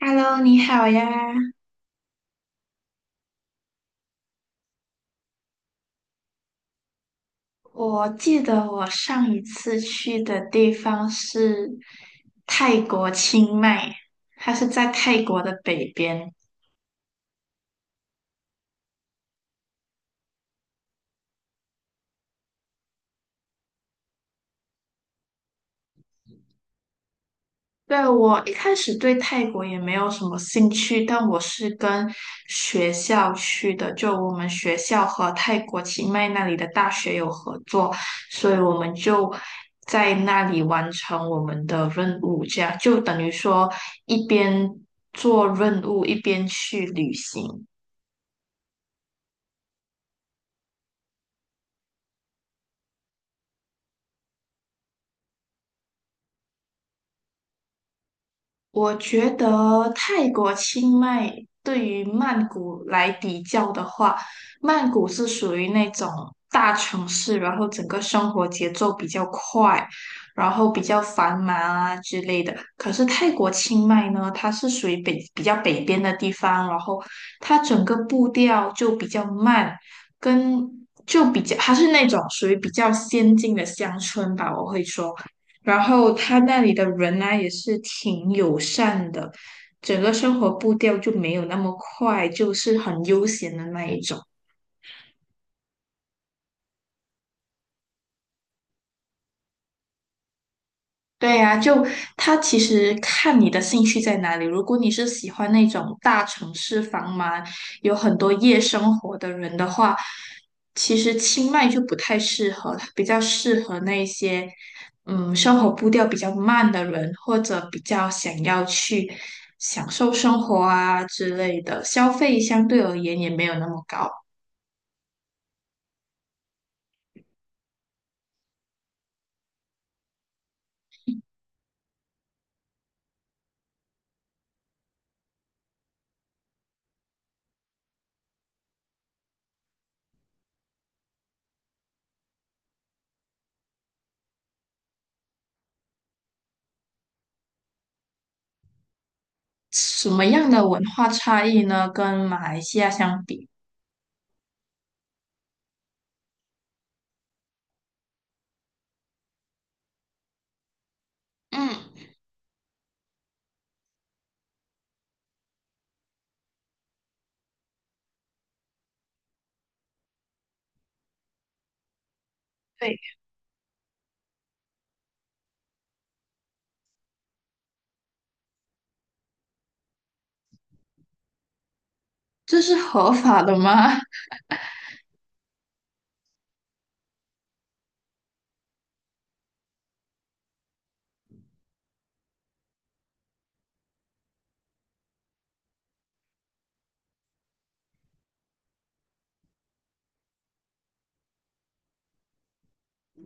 Hello，你好呀！我记得我上一次去的地方是泰国清迈，它是在泰国的北边。对，我一开始对泰国也没有什么兴趣，但我是跟学校去的，就我们学校和泰国清迈那里的大学有合作，所以我们就在那里完成我们的任务，这样就等于说一边做任务一边去旅行。我觉得泰国清迈对于曼谷来比较的话，曼谷是属于那种大城市，然后整个生活节奏比较快，然后比较繁忙啊之类的。可是泰国清迈呢，它是属于北比较北边的地方，然后它整个步调就比较慢，跟就比较它是那种属于比较先进的乡村吧，我会说。然后他那里的人呢也是挺友善的，整个生活步调就没有那么快，就是很悠闲的那一种。对呀，就他其实看你的兴趣在哪里。如果你是喜欢那种大城市繁忙、有很多夜生活的人的话，其实清迈就不太适合，它比较适合那些生活步调比较慢的人，或者比较想要去享受生活啊之类的，消费相对而言也没有那么高。什么样的文化差异呢？跟马来西亚相比，嗯，对，这是合法的吗？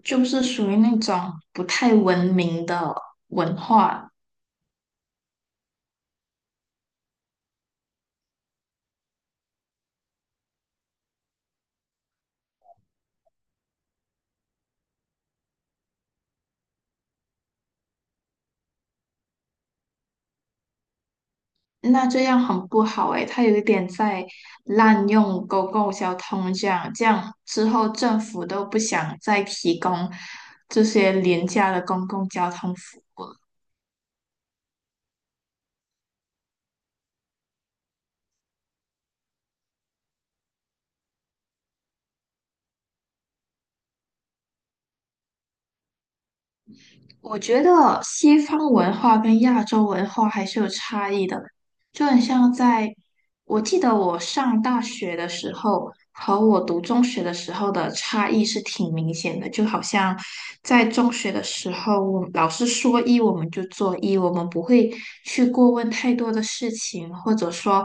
就是属于那种不太文明的文化，那这样很不好诶，它有一点在滥用公共交通这样，这样之后政府都不想再提供这些廉价的公共交通服务。我觉得西方文化跟亚洲文化还是有差异的，就很像在，我记得我上大学的时候和我读中学的时候的差异是挺明显的，就好像在中学的时候，我们老师说一我们就做一，我们不会去过问太多的事情，或者说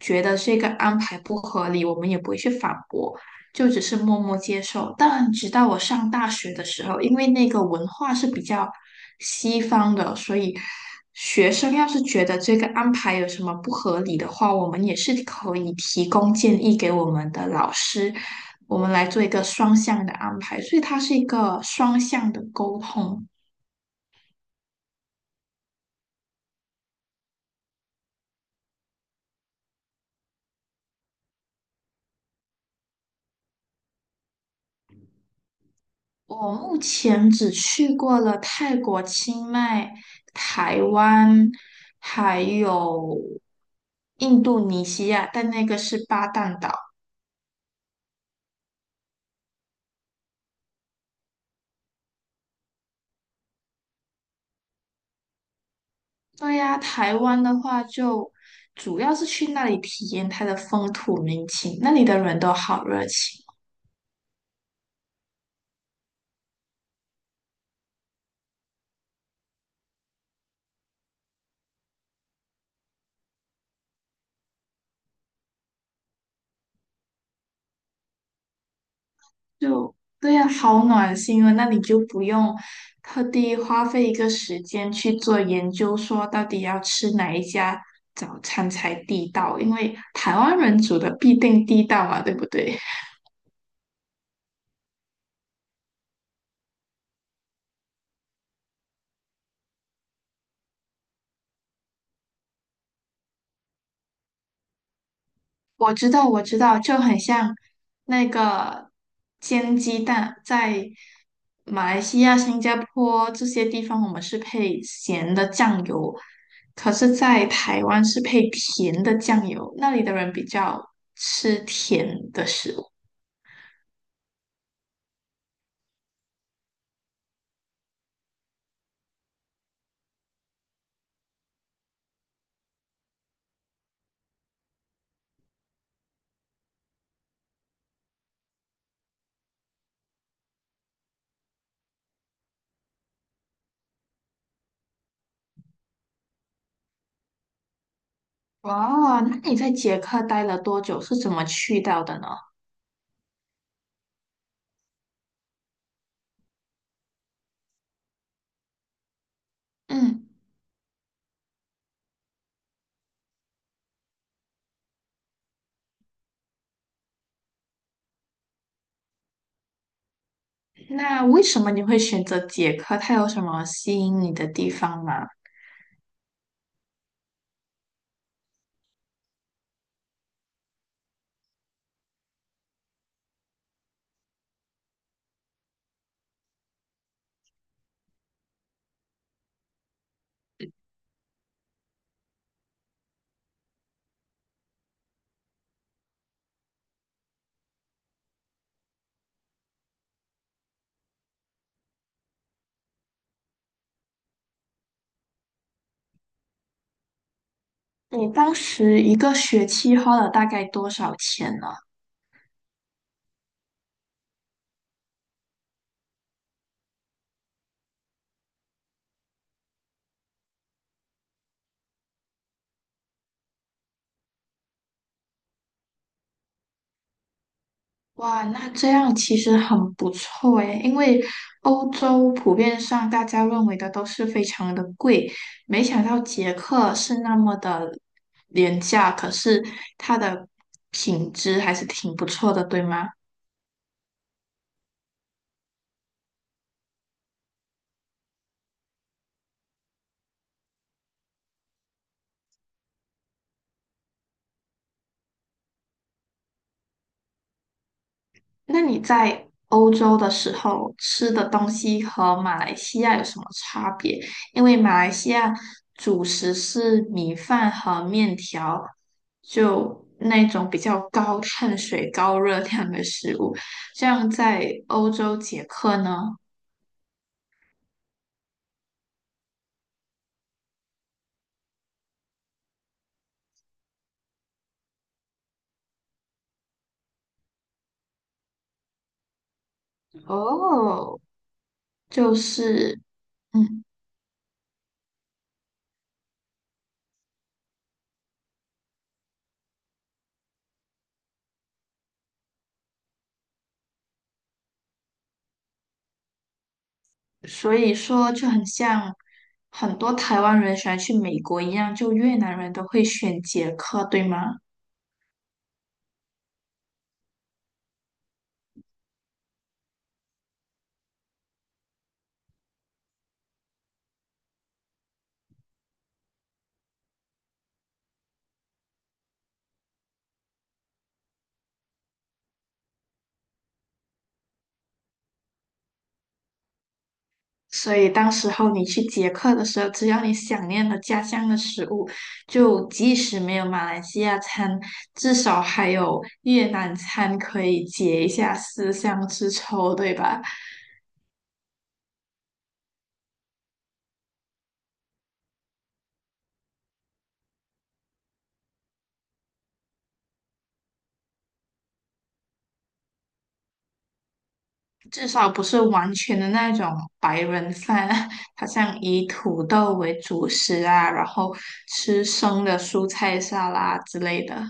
觉得这个安排不合理，我们也不会去反驳。就只是默默接受。但直到我上大学的时候，因为那个文化是比较西方的，所以学生要是觉得这个安排有什么不合理的话，我们也是可以提供建议给我们的老师，我们来做一个双向的安排。所以它是一个双向的沟通。我目前只去过了泰国、清迈、台湾，还有印度尼西亚，但那个是巴淡岛。对呀，台湾的话就主要是去那里体验它的风土民情，那里的人都好热情。就对呀，好暖心啊！那你就不用特地花费一个时间去做研究，说到底要吃哪一家早餐才地道，因为台湾人煮的必定地道嘛，对不对？我知道，我知道，就很像那个煎鸡蛋，在马来西亚、新加坡这些地方，我们是配咸的酱油，可是，在台湾是配甜的酱油，那里的人比较吃甜的食物。哇，那你在捷克待了多久？是怎么去到的呢？嗯，那为什么你会选择捷克？它有什么吸引你的地方吗？你当时一个学期花了大概多少钱呢？哇，那这样其实很不错诶，因为欧洲普遍上大家认为的都是非常的贵，没想到捷克是那么的廉价，可是它的品质还是挺不错的，对吗？那你在欧洲的时候吃的东西和马来西亚有什么差别？因为马来西亚主食是米饭和面条，就那种比较高碳水、高热量的食物。像在欧洲捷克呢，哦，就是嗯，所以说就很像很多台湾人喜欢去美国一样，就越南人都会选捷克，对吗？所以当时候你去捷克的时候，只要你想念了家乡的食物，就即使没有马来西亚餐，至少还有越南餐可以解一下思乡之愁，对吧？至少不是完全的那种白人饭，好像以土豆为主食啊，然后吃生的蔬菜沙拉之类的。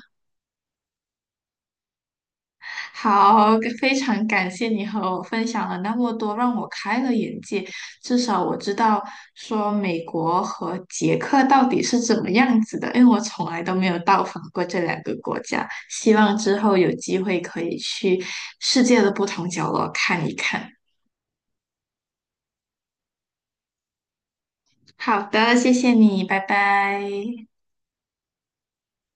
好，非常感谢你和我分享了那么多，让我开了眼界。至少我知道说美国和捷克到底是怎么样子的，因为我从来都没有到访过这两个国家。希望之后有机会可以去世界的不同角落看一看。好的，谢谢你，拜拜。